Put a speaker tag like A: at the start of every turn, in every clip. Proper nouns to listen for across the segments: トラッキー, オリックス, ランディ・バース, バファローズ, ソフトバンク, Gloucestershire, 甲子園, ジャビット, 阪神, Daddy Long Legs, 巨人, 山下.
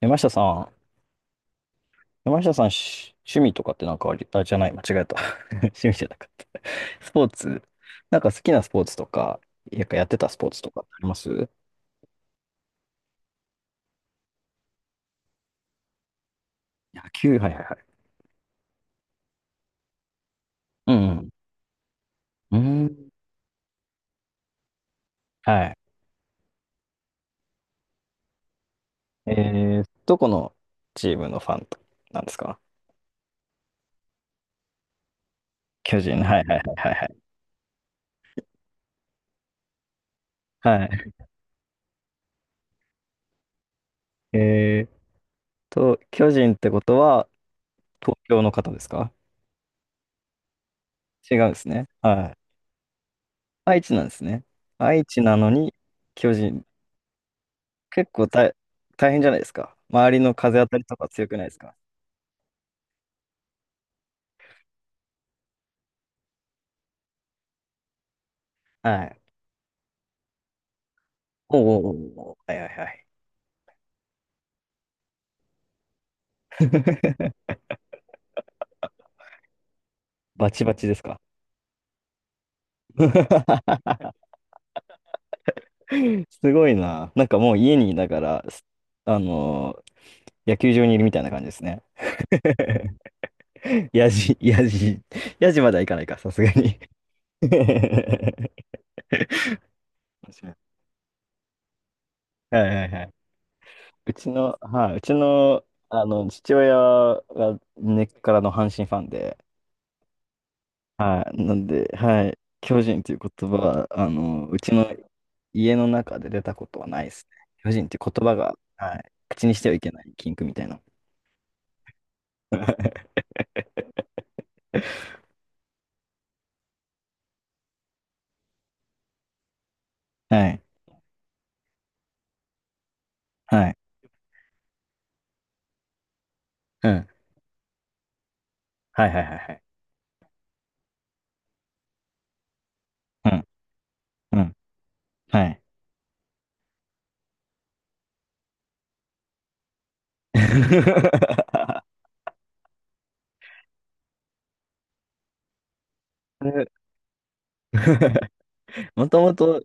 A: 山下さん、山下さん、し趣味とかってなんかあり、あ、じゃない、間違えた。趣味じゃなかった。スポーツ、なんか好きなスポーツとか、やっぱやってたスポーツとかってあります？野球、はいはいはい。うんうん。うーん。はい。えー、どこのチームのファンとなんですか？巨人。はいはいはいはいはい。はい。えーと、巨人ってことは、東京の方ですか？違うんですね。はい。愛知なんですね。愛知なのに、巨人。結構大、大変じゃないですか。周りの風当たりとか強くないですか。はい。おうおうおうおう。はいはいはい。バチバチですか？すごいな。なんかもう家にいながら、あのー野球場にいるみたいな感じですね。やじ、やじ、やじまではいかないか、さすがに。 面白い。 はいはいはい。うちの、はい、うちの、あの、父親が根っからの阪神ファンで、はい。なんで、はい。巨人という言葉は、あの、うちの家の中で出たことはないですね。巨人という言葉が、はい。口にしてはいけない禁句みたいな。はい。はい。うん。はいはいはいはい。うん。うん。はい。もともと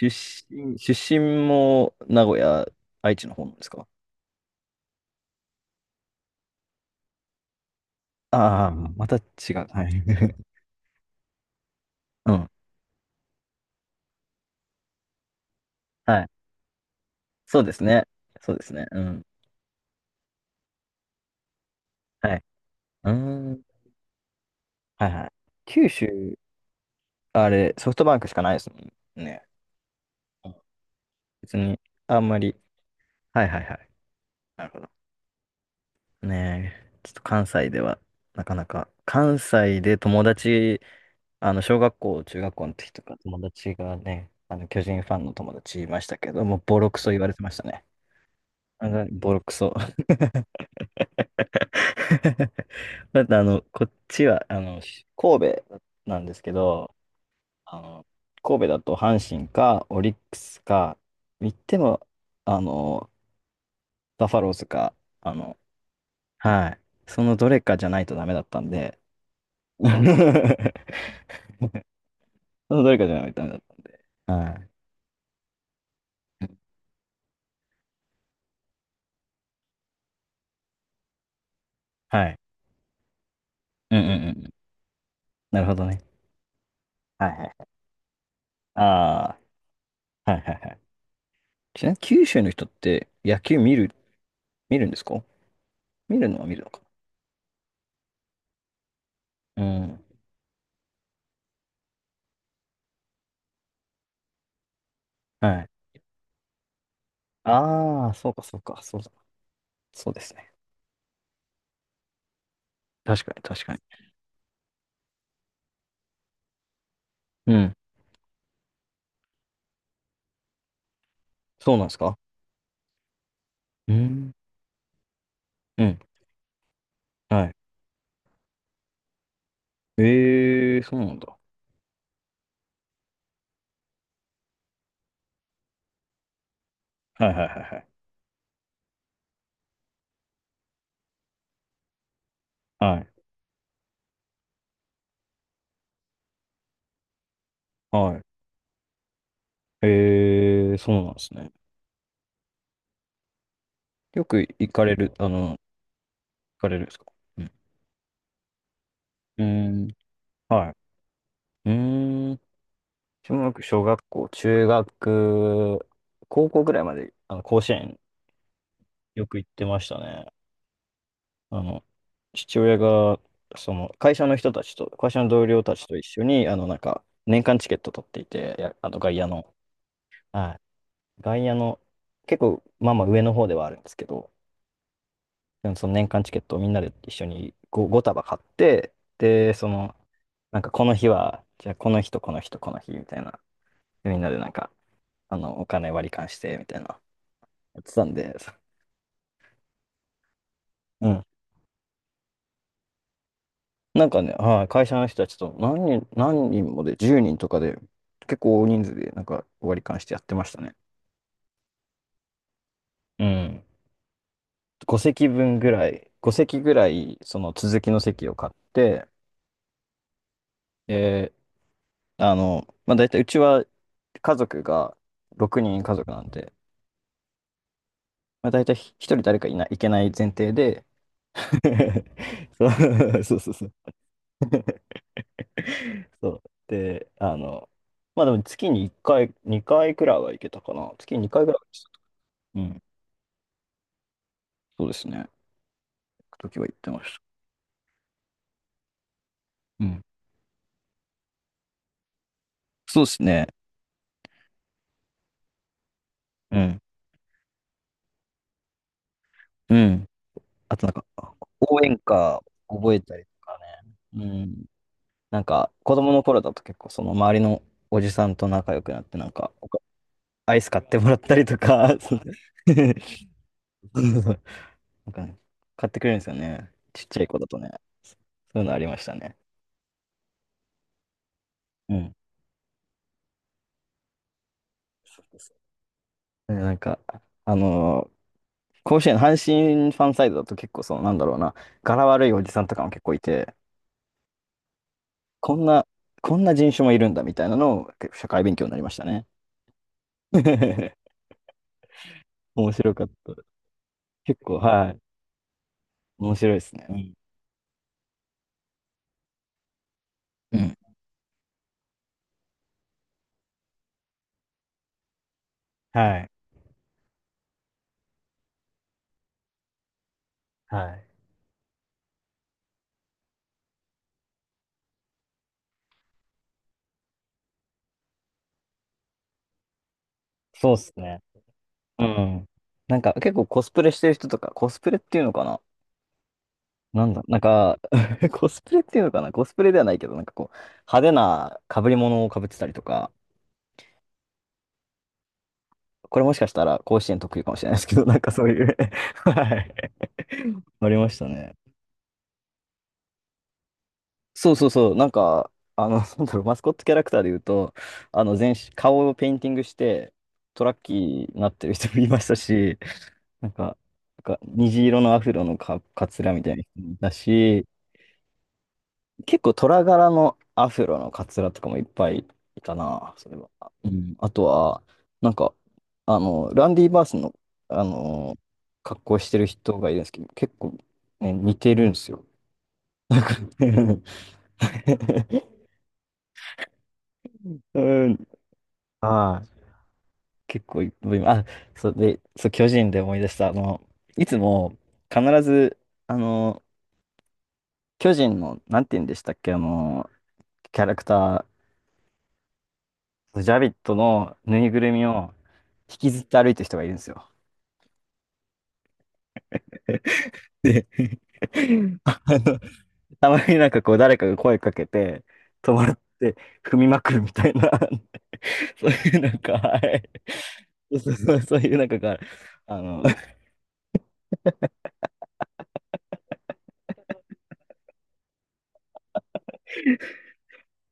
A: 出身も名古屋、愛知の方なんですか？ああ、また違う。はい。うん。はい。そうですね。そうですね。うん。はい。うーん。はいはい。九州、あれ、ソフトバンクしかないですもんね。うん。別に、あんまり。はいはいはい。なるほど。ねえ、ちょっと関西では、なかなか、関西で友達、あの、小学校、中学校の時とか、友達がね、あの、巨人ファンの友達いましたけど、もうボロクソ言われてましたね。あの、ボロクソ。だってあの、こっちは、あの、神戸なんですけど、あの、神戸だと阪神か、オリックスか、言っても、あの、バファローズか、あの、はい。そのどれかじゃないとダメだったんで、そのどれかじゃないとダメだった。はい。はい。うんうんうんうん。なるほどね。はいはい。ああ、はいはいはい。ちなみに九州の人って野球見る、見るんですか？見るのは見るのか。うん。はい。ああ、そうかそうか、そうだ。そうですね。確かに確かに。うん。そうなんですか？うん。うん。はい。ええ、そうなんだ。はいはいはいはい。はい。はい。ええ、そうなんですね。よく行かれる、あの、行かれるんですか？うん。うーん。はい。うーん。小学校、中学、高校ぐらいまで、あの、甲子園よく行ってましたね。あの、父親が、その、会社の同僚たちと一緒に、あの、なんか、年間チケット取っていて、や、あの、外野の、はい。外野の、結構、まあまあ上の方ではあるんですけど、でもその年間チケットをみんなで一緒に 5, 束買って、で、その、なんかこの日は、じゃあこの日とこの日とこの日みたいな。でみんなでなんか、あの、お金割り勘してみたいな。やってたんで、うん。なんかね、はい、会社の人たちと何人、何人もで、10人とかで、結構大人数でなんか割り勘してやってましたね。うん。5席分ぐらい、5席ぐらい、その続きの席を買って、で、あの、まあ、大体うちは家族が6人家族なんで、まあ、大体一人誰かいけない前提で。 そう。 そうそうそう。そう。で、あの、まあでも月に1回、2回くらいは行けたかな。月に2回くらいでした。うん。そうですね。行くときは行ってました。うん。そうですね。うん。うん。あとなんか、応援歌覚えたりとかね。うん。なんか、子供の頃だと結構その周りのおじさんと仲良くなって、なんか、アイス買ってもらったりとか、そう。 なんかね、買ってくれるんですよね。ちっちゃい子だとね。そういうのありましたね。うん。そうそう、でなんか、あのー甲子園、阪神ファンサイドだと結構その、なんだろうな、柄悪いおじさんとかも結構いて、こんな、こんな人種もいるんだみたいなのを結構社会勉強になりましたね。面白かった。結構、はい。面白いですね。うん。うん。はい。はい。そうですね。うん。なんか結構コスプレしてる人とか、コスプレっていうのかな？なんだ、なんか、コスプレっていうのかな？コスプレではないけど、なんかこう、派手な被り物を被ってたりとか、これもしかしたら甲子園特有かもしれないですけど、なんかそういう。 はい、ありましたね。そうそうそう、なんか、あの、なんだろう、マスコットキャラクターで言うと、あの、全身、顔をペインティングして、トラッキーになってる人もいましたし、なんか、なんか虹色のアフロのか、かつらみたいな人もいたし、結構虎柄のアフロのカツラとかもいっぱいいたな、それは。うん。あとは、なんか、あの、ランディ・バースの、あの、格好してる人がいるんですけど、結構、ね、似てるんですよ。うん。ああ、結構いっぱい、あ、そうで、そう、巨人で思い出した、あの、いつも、必ず、あの、巨人の、なんて言うんでしたっけ、あの、キャラクター、ジャビットのぬいぐるみを引きずって歩いてる人がいるんですよ。で、あの、たまになんかこう誰かが声かけて、止まって踏みまくるみたいな、そういうなんか、はい。そうそうそういうなんかが、あの、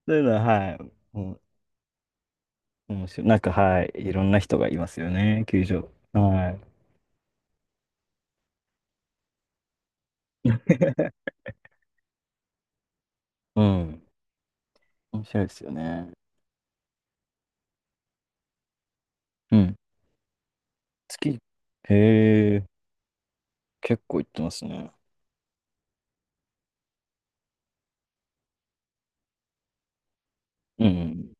A: そういうのは、はい。もう面白い。なんか、はい。いろんな人がいますよね、球場。はい。うん。面白いですよね。うん。月。へえ、結構行ってますね。うん。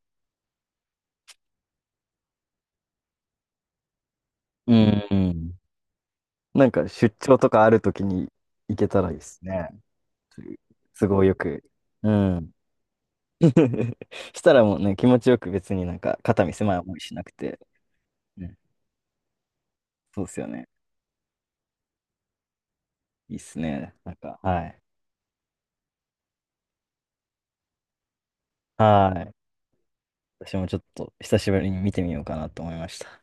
A: うん。うん。なんか出張とかあるときに行けたらいいですね。都合よく。うん。したらもうね、気持ちよく別になんか肩身狭い思いしなくて。ね、そうですよね。いいっすね。なんか、はい。はい。私もちょっと久しぶりに見てみようかなと思いました。